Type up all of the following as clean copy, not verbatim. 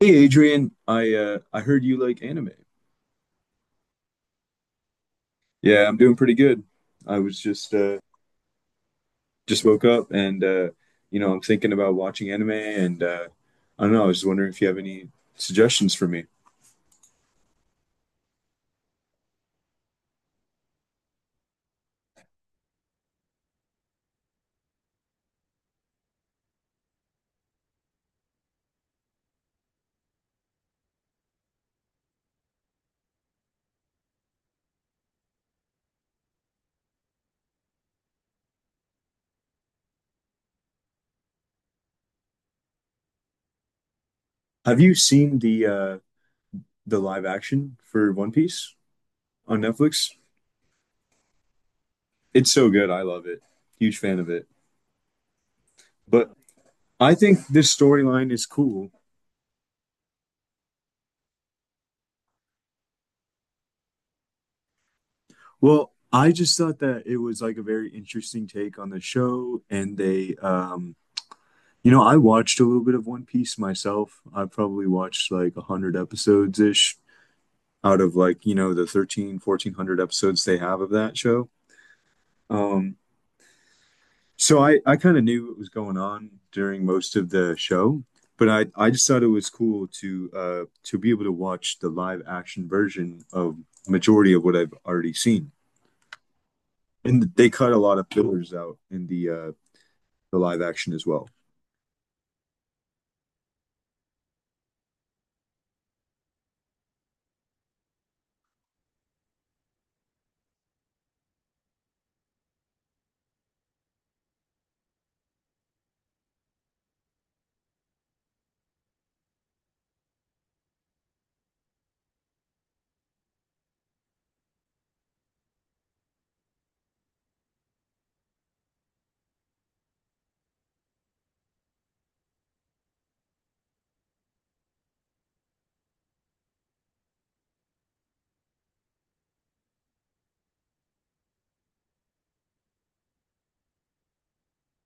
Hey Adrian, I heard you like anime. Yeah, I'm doing pretty good. I was just woke up and you know, I'm thinking about watching anime and I don't know, I was just wondering if you have any suggestions for me. Have you seen the live action for One Piece on Netflix? It's so good. I love it. Huge fan of it. But I think this storyline is cool. Well, I just thought that it was like a very interesting take on the show, and they you know, I watched a little bit of One Piece myself. I probably watched like 100 episodes ish out of, like, you know, the 13, 1,400 episodes they have of that show. Um, so I kind of knew what was going on during most of the show, but I just thought it was cool to be able to watch the live action version of majority of what I've already seen. And they cut a lot of fillers out in the live action as well.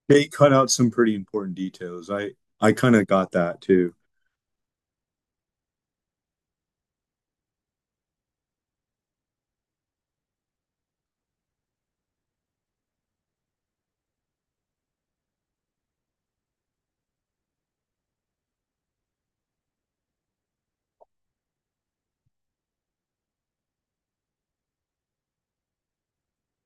They cut out some pretty important details. I kind of got that too.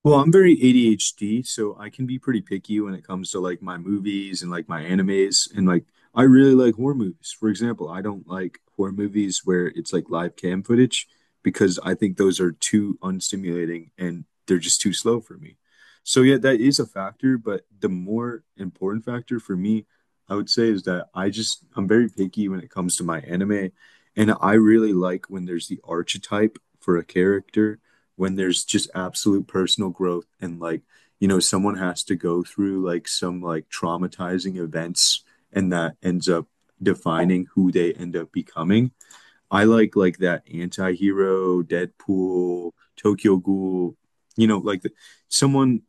Well, I'm very ADHD, so I can be pretty picky when it comes to like my movies and like my animes. And like, I really like horror movies. For example, I don't like horror movies where it's like live cam footage because I think those are too unstimulating and they're just too slow for me. So, yeah, that is a factor. But the more important factor for me, I would say, is that I'm very picky when it comes to my anime. And I really like when there's the archetype for a character, when there's just absolute personal growth, and like, you know, someone has to go through like some like traumatizing events and that ends up defining who they end up becoming. I like that anti-hero Deadpool, Tokyo Ghoul, you know, like someone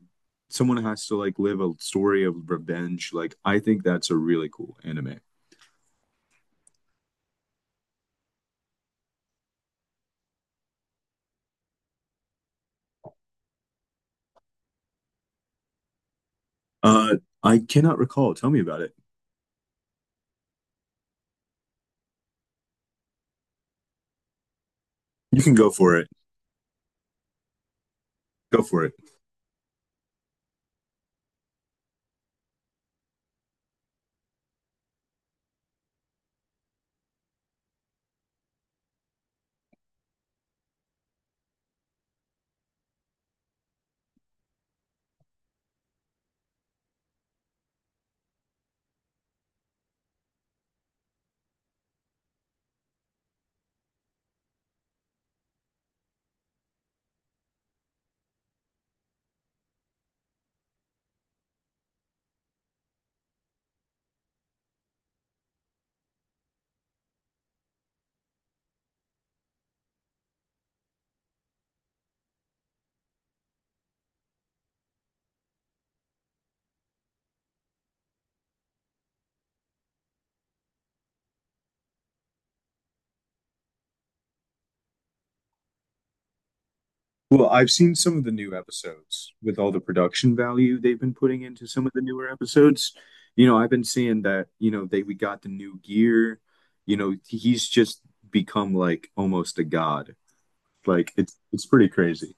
someone has to like live a story of revenge. Like I think that's a really cool anime. uh I cannot recall, tell me about it. You can go for it. Go for it. Well, I've seen some of the new episodes with all the production value they've been putting into some of the newer episodes. You know, I've been seeing that, you know, they we got the new gear. You know, he's just become like almost a god. Like it's pretty crazy.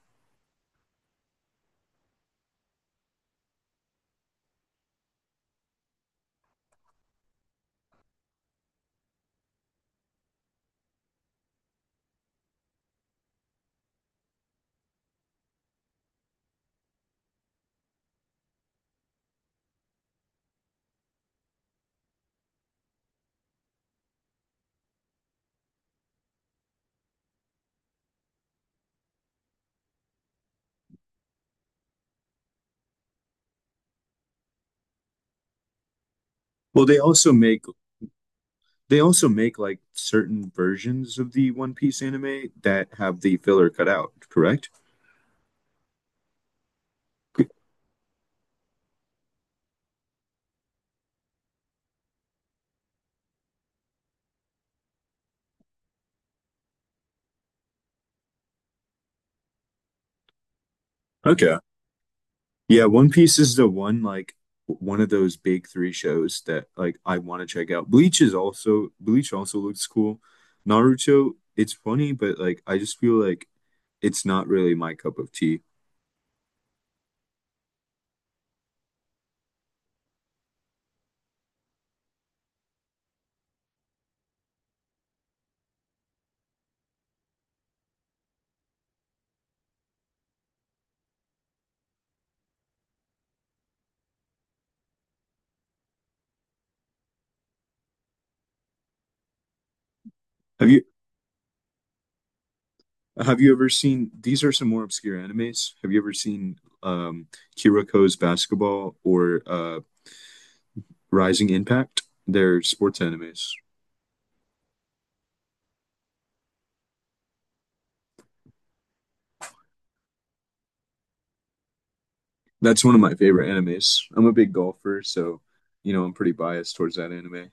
Well, they also make like certain versions of the One Piece anime that have the filler cut out, correct? Okay. Yeah, One Piece is the one like one of those big three shows that like I want to check out. Bleach is also, Bleach also looks cool. Naruto, it's funny, but like I just feel like it's not really my cup of tea. Have you have you ever seen, these are some more obscure animes? Have you ever seen um Kiriko's Basketball or Rising Impact? They're sports animes. That's one of my favorite animes. I'm a big golfer, so you know, I'm pretty biased towards that anime.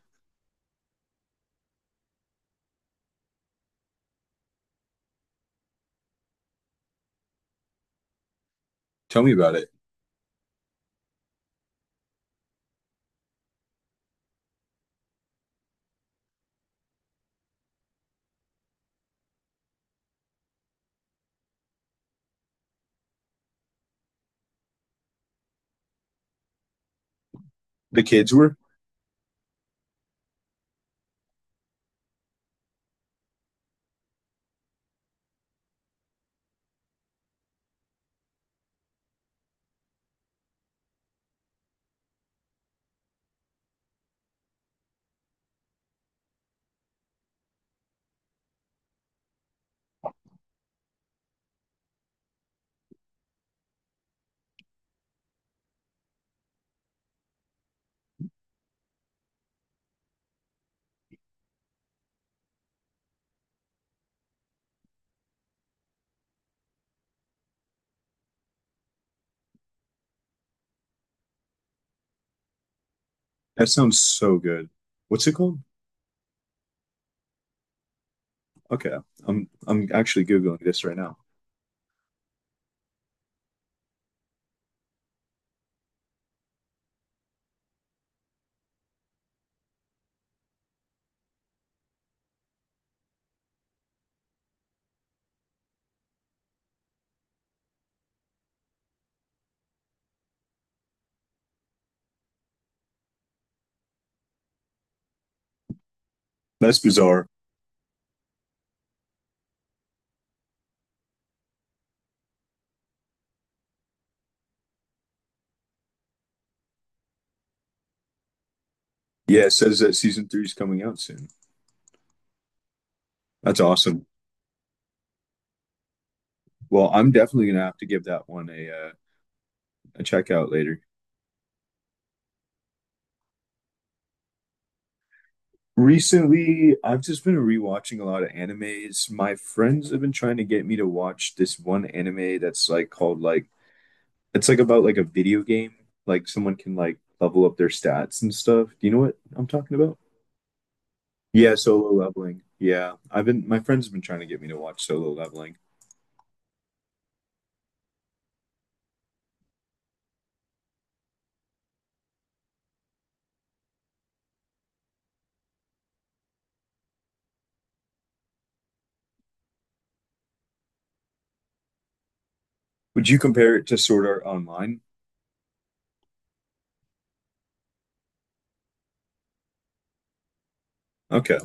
Tell me about it. The kids were. That sounds so good. What's it called? Okay, I'm actually Googling this right now. That's bizarre. Yeah, it says that season three is coming out soon. That's awesome. Well, I'm definitely gonna have to give that one a check out later. Recently, I've just been rewatching a lot of animes. My friends have been trying to get me to watch this one anime that's called, it's like about like a video game. Like someone can like level up their stats and stuff. Do you know what I'm talking about? Yeah, solo leveling. Yeah. I've been my friends have been trying to get me to watch solo leveling. Would you compare it to Sword Art Online? Okay.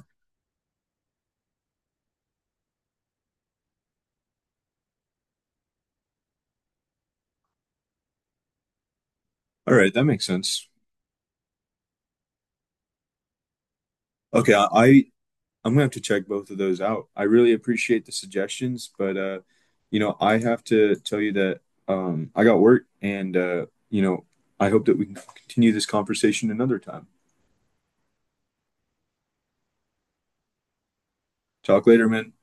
All right, that makes sense. Okay, I'm gonna have to check both of those out. I really appreciate the suggestions, but you know, I have to tell you that I got work, and you know, I hope that we can continue this conversation another time. Talk later, man.